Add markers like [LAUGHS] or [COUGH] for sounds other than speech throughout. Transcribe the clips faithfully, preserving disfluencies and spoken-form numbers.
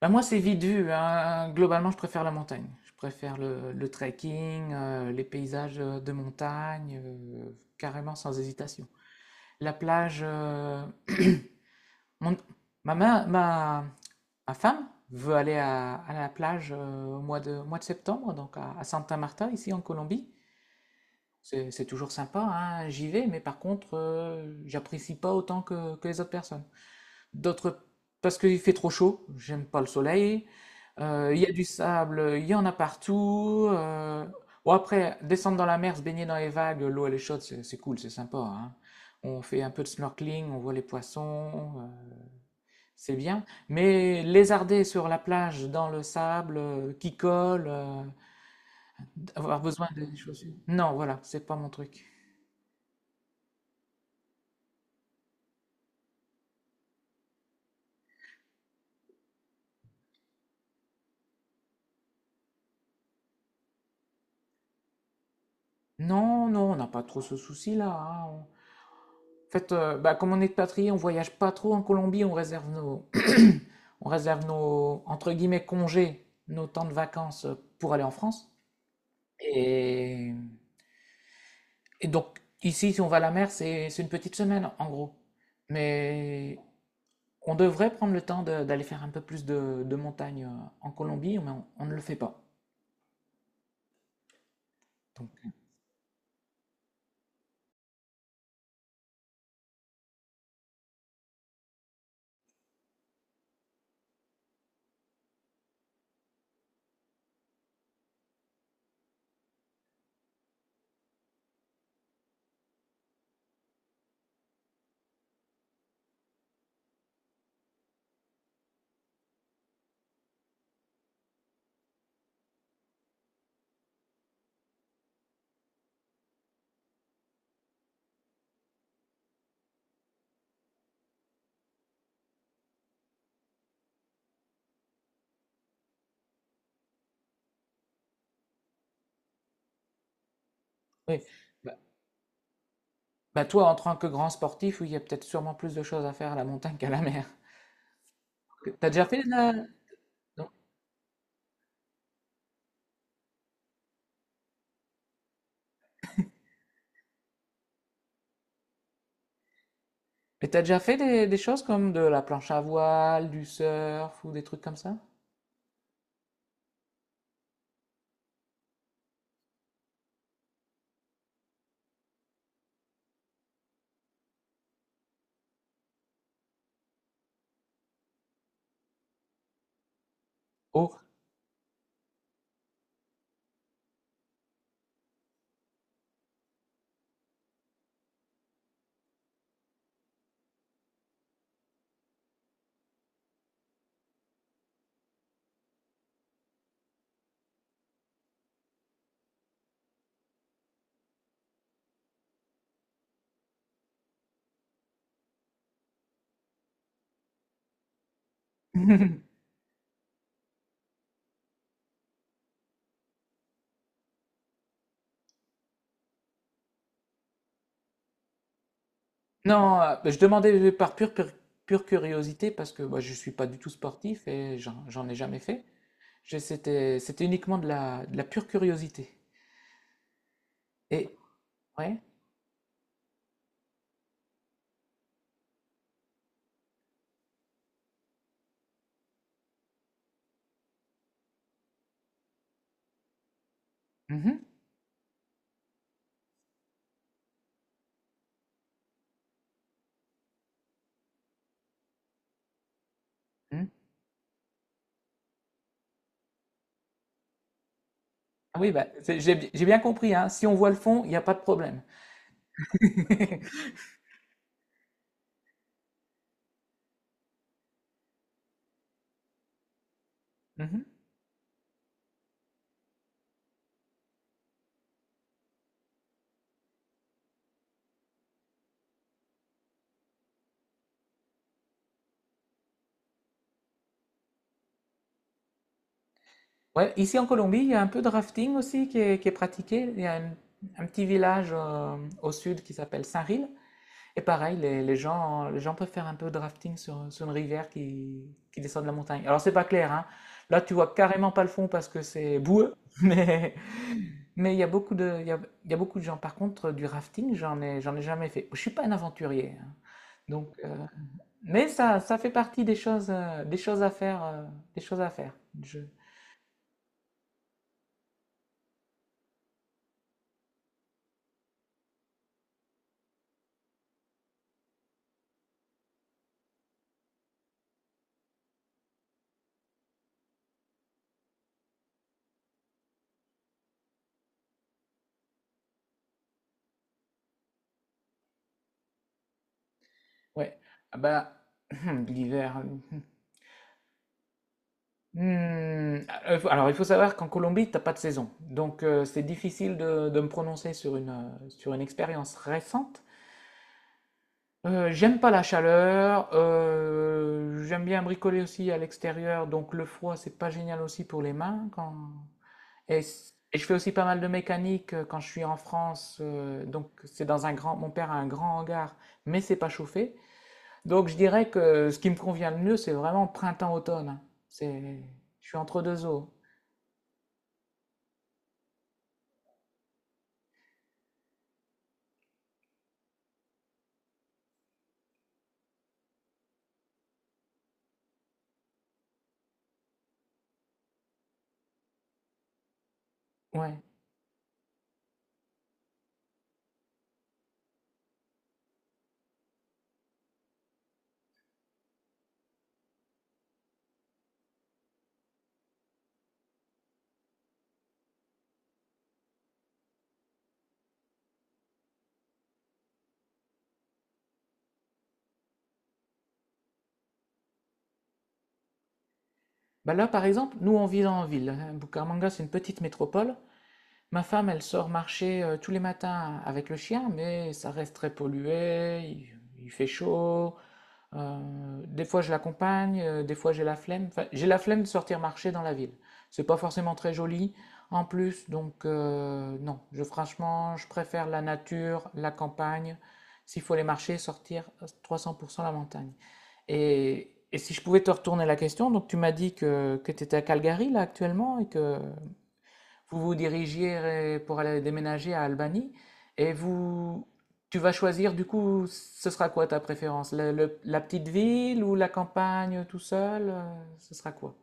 Bah, moi, c'est vite vu, hein. Globalement, je préfère la montagne. Je préfère le, le trekking, euh, les paysages euh, de montagne, euh, carrément sans hésitation. La plage, euh, mon- ma, ma, ma- ma femme veut aller à, à la plage euh, au mois de, au mois de septembre, donc à, à Santa Marta, ici en Colombie. C'est c'est toujours sympa, hein, j'y vais, mais par contre, euh, j'apprécie pas autant que, que les autres personnes. D'autres, parce qu'il fait trop chaud, j'aime pas le soleil. Euh, Il y a du sable, il y en a partout. euh. Bon, après, descendre dans la mer, se baigner dans les vagues, l'eau elle est chaude, c'est c'est cool, c'est sympa. hein. On fait un peu de snorkeling, on voit les poissons, euh, c'est bien. Mais lézarder sur la plage, dans le sable, euh, qui colle, euh, avoir besoin de des chaussures. Non, voilà, c'est pas mon truc. Non, non, on n'a pas trop ce souci-là. hein. En fait, euh, bah, comme on est expatrié, on voyage pas trop en Colombie, on réserve nos, [CLEARS THROAT] on réserve nos, entre guillemets, congés, nos temps de vacances euh, pour aller en France. Et, et donc, ici, si on va à la mer, c'est c'est une petite semaine, en gros. Mais on devrait prendre le temps de- d'aller faire un peu plus de, de montagne euh, en Colombie, mais on, on ne le fait pas. Donc, oui. Bah, bah, toi, en tant que grand sportif, oui, il y a peut-être sûrement plus de choses à faire à la montagne qu'à la mer. T'as déjà fait de la... Et t'as déjà fait des, des choses comme de la planche à voile, du surf ou des trucs comme ça? Oh! [LAUGHS] Non, euh, bah, je demandais par pure, pure, pure curiosité parce que moi je suis pas du tout sportif et j'en j'en ai jamais fait. Je- C'était c'était uniquement de la, de la pure curiosité. Et ouais. Mhm, mhm. Ah oui, bah, c'est- j'ai bi- j'ai bien compris, hein. Si on voit le fond, il n'y a pas de problème. [LAUGHS] Mhm. Ouais, ici en Colombie, il y a un peu de rafting aussi qui est, qui est pratiqué. Il y a une- un petit village euh, au sud qui s'appelle Saint-Ril. Et pareil, les, les gens, les gens peuvent faire un peu de rafting sur, sur une rivière qui, qui descend de la montagne. Alors c'est pas clair, hein. Là tu vois carrément pas le fond parce que c'est boueux, [LAUGHS] mais mais il y a beaucoup de il y a, il y a beaucoup de gens. Par contre, du rafting, j'en ai j'en ai jamais fait. Je suis pas un aventurier, hein. Donc euh, mais ça ça fait partie des choses euh, des choses à faire euh, des choses à faire. Je ouais. Ah bah [CLEARS THROAT] l'hiver. Hmm, euh, alors, il faut savoir qu'en Colombie, t'as pas de saison. Donc, euh, c'est difficile de, de me prononcer sur une, euh, sur une expérience récente. Euh, j'aime pas la chaleur. euh, J'aime bien bricoler aussi à l'extérieur. Donc, le froid, c'est pas génial aussi pour les mains. Quand... Et, s- et je fais aussi pas mal de mécanique euh, quand je suis en France. euh, Donc, c'est dans un grand... Mon père a un grand hangar, mais c'est pas chauffé. Donc, je dirais que ce qui me convient le mieux, c'est vraiment printemps-automne. hein. C'est... Je suis entre deux eaux. Ouais. Bah là, par exemple, nous, on vit en ville. hein. Bucaramanga, c'est une petite métropole. Ma femme, elle sort marcher euh, tous les matins avec le chien, mais ça reste très pollué, il, il fait chaud. Euh, des fois, je l'accompagne, euh, des fois, j'ai la flemme. Enfin, j'ai la flemme de sortir marcher dans la ville. C'est pas forcément très joli en plus, donc euh, non. Je, franchement, je préfère la nature, la campagne. S'il faut aller marcher, sortir euh, trois cents pour cent la montagne. Et et si je pouvais te retourner la question, donc tu m'as dit que que tu étais à Calgary là actuellement et que vous vous dirigiez pour aller déménager à Albany et vous tu vas choisir du coup ce sera quoi ta préférence? Le- le- la petite ville ou la campagne tout seul? euh, Ce sera quoi?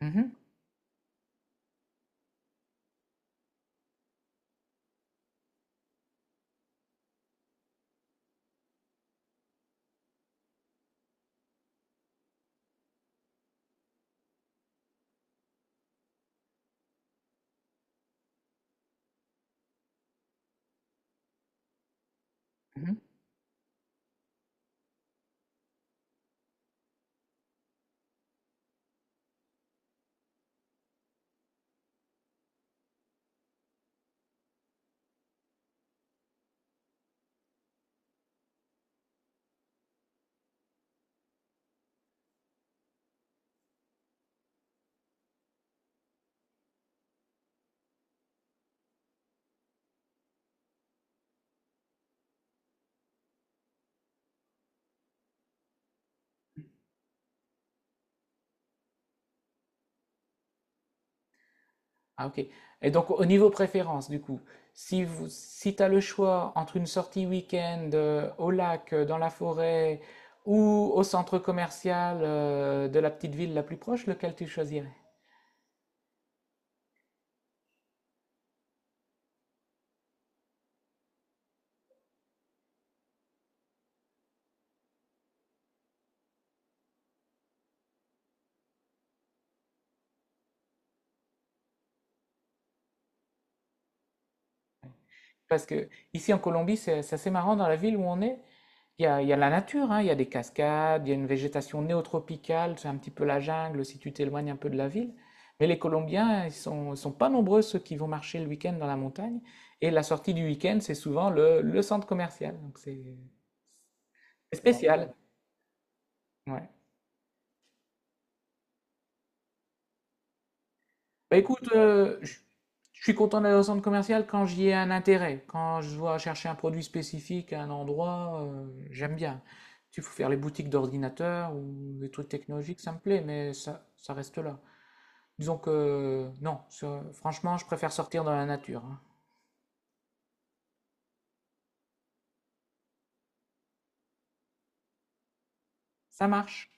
Mhm, mhm. Ah ok. Et donc au niveau préférence, du coup, si vous, si t'as le choix entre une sortie week-end euh, au lac, euh, dans la forêt, ou au centre commercial euh, de la petite ville la plus proche, lequel tu choisirais? Parce que ici en Colombie, c'est c'est assez marrant dans la ville où on est. Il y a, il y a la nature, hein, il y a des cascades, il y a une végétation néotropicale, c'est un petit peu la jungle si tu t'éloignes un peu de la ville. Mais les Colombiens, ils sont, sont pas nombreux ceux qui vont marcher le week-end dans la montagne. Et la sortie du week-end, c'est souvent le, le centre commercial. Donc c'est c'est ouais. Spécial. Ouais. Bah écoute, euh, je je suis content d'aller au centre commercial quand j'y ai un intérêt. Quand je dois chercher un produit spécifique à un endroit, euh, j'aime bien. Tu faut faire les boutiques d'ordinateurs ou des trucs technologiques, ça me plaît, mais ça, ça reste là. Disons que euh, non, ça- franchement, je préfère sortir dans la nature, hein. Ça marche.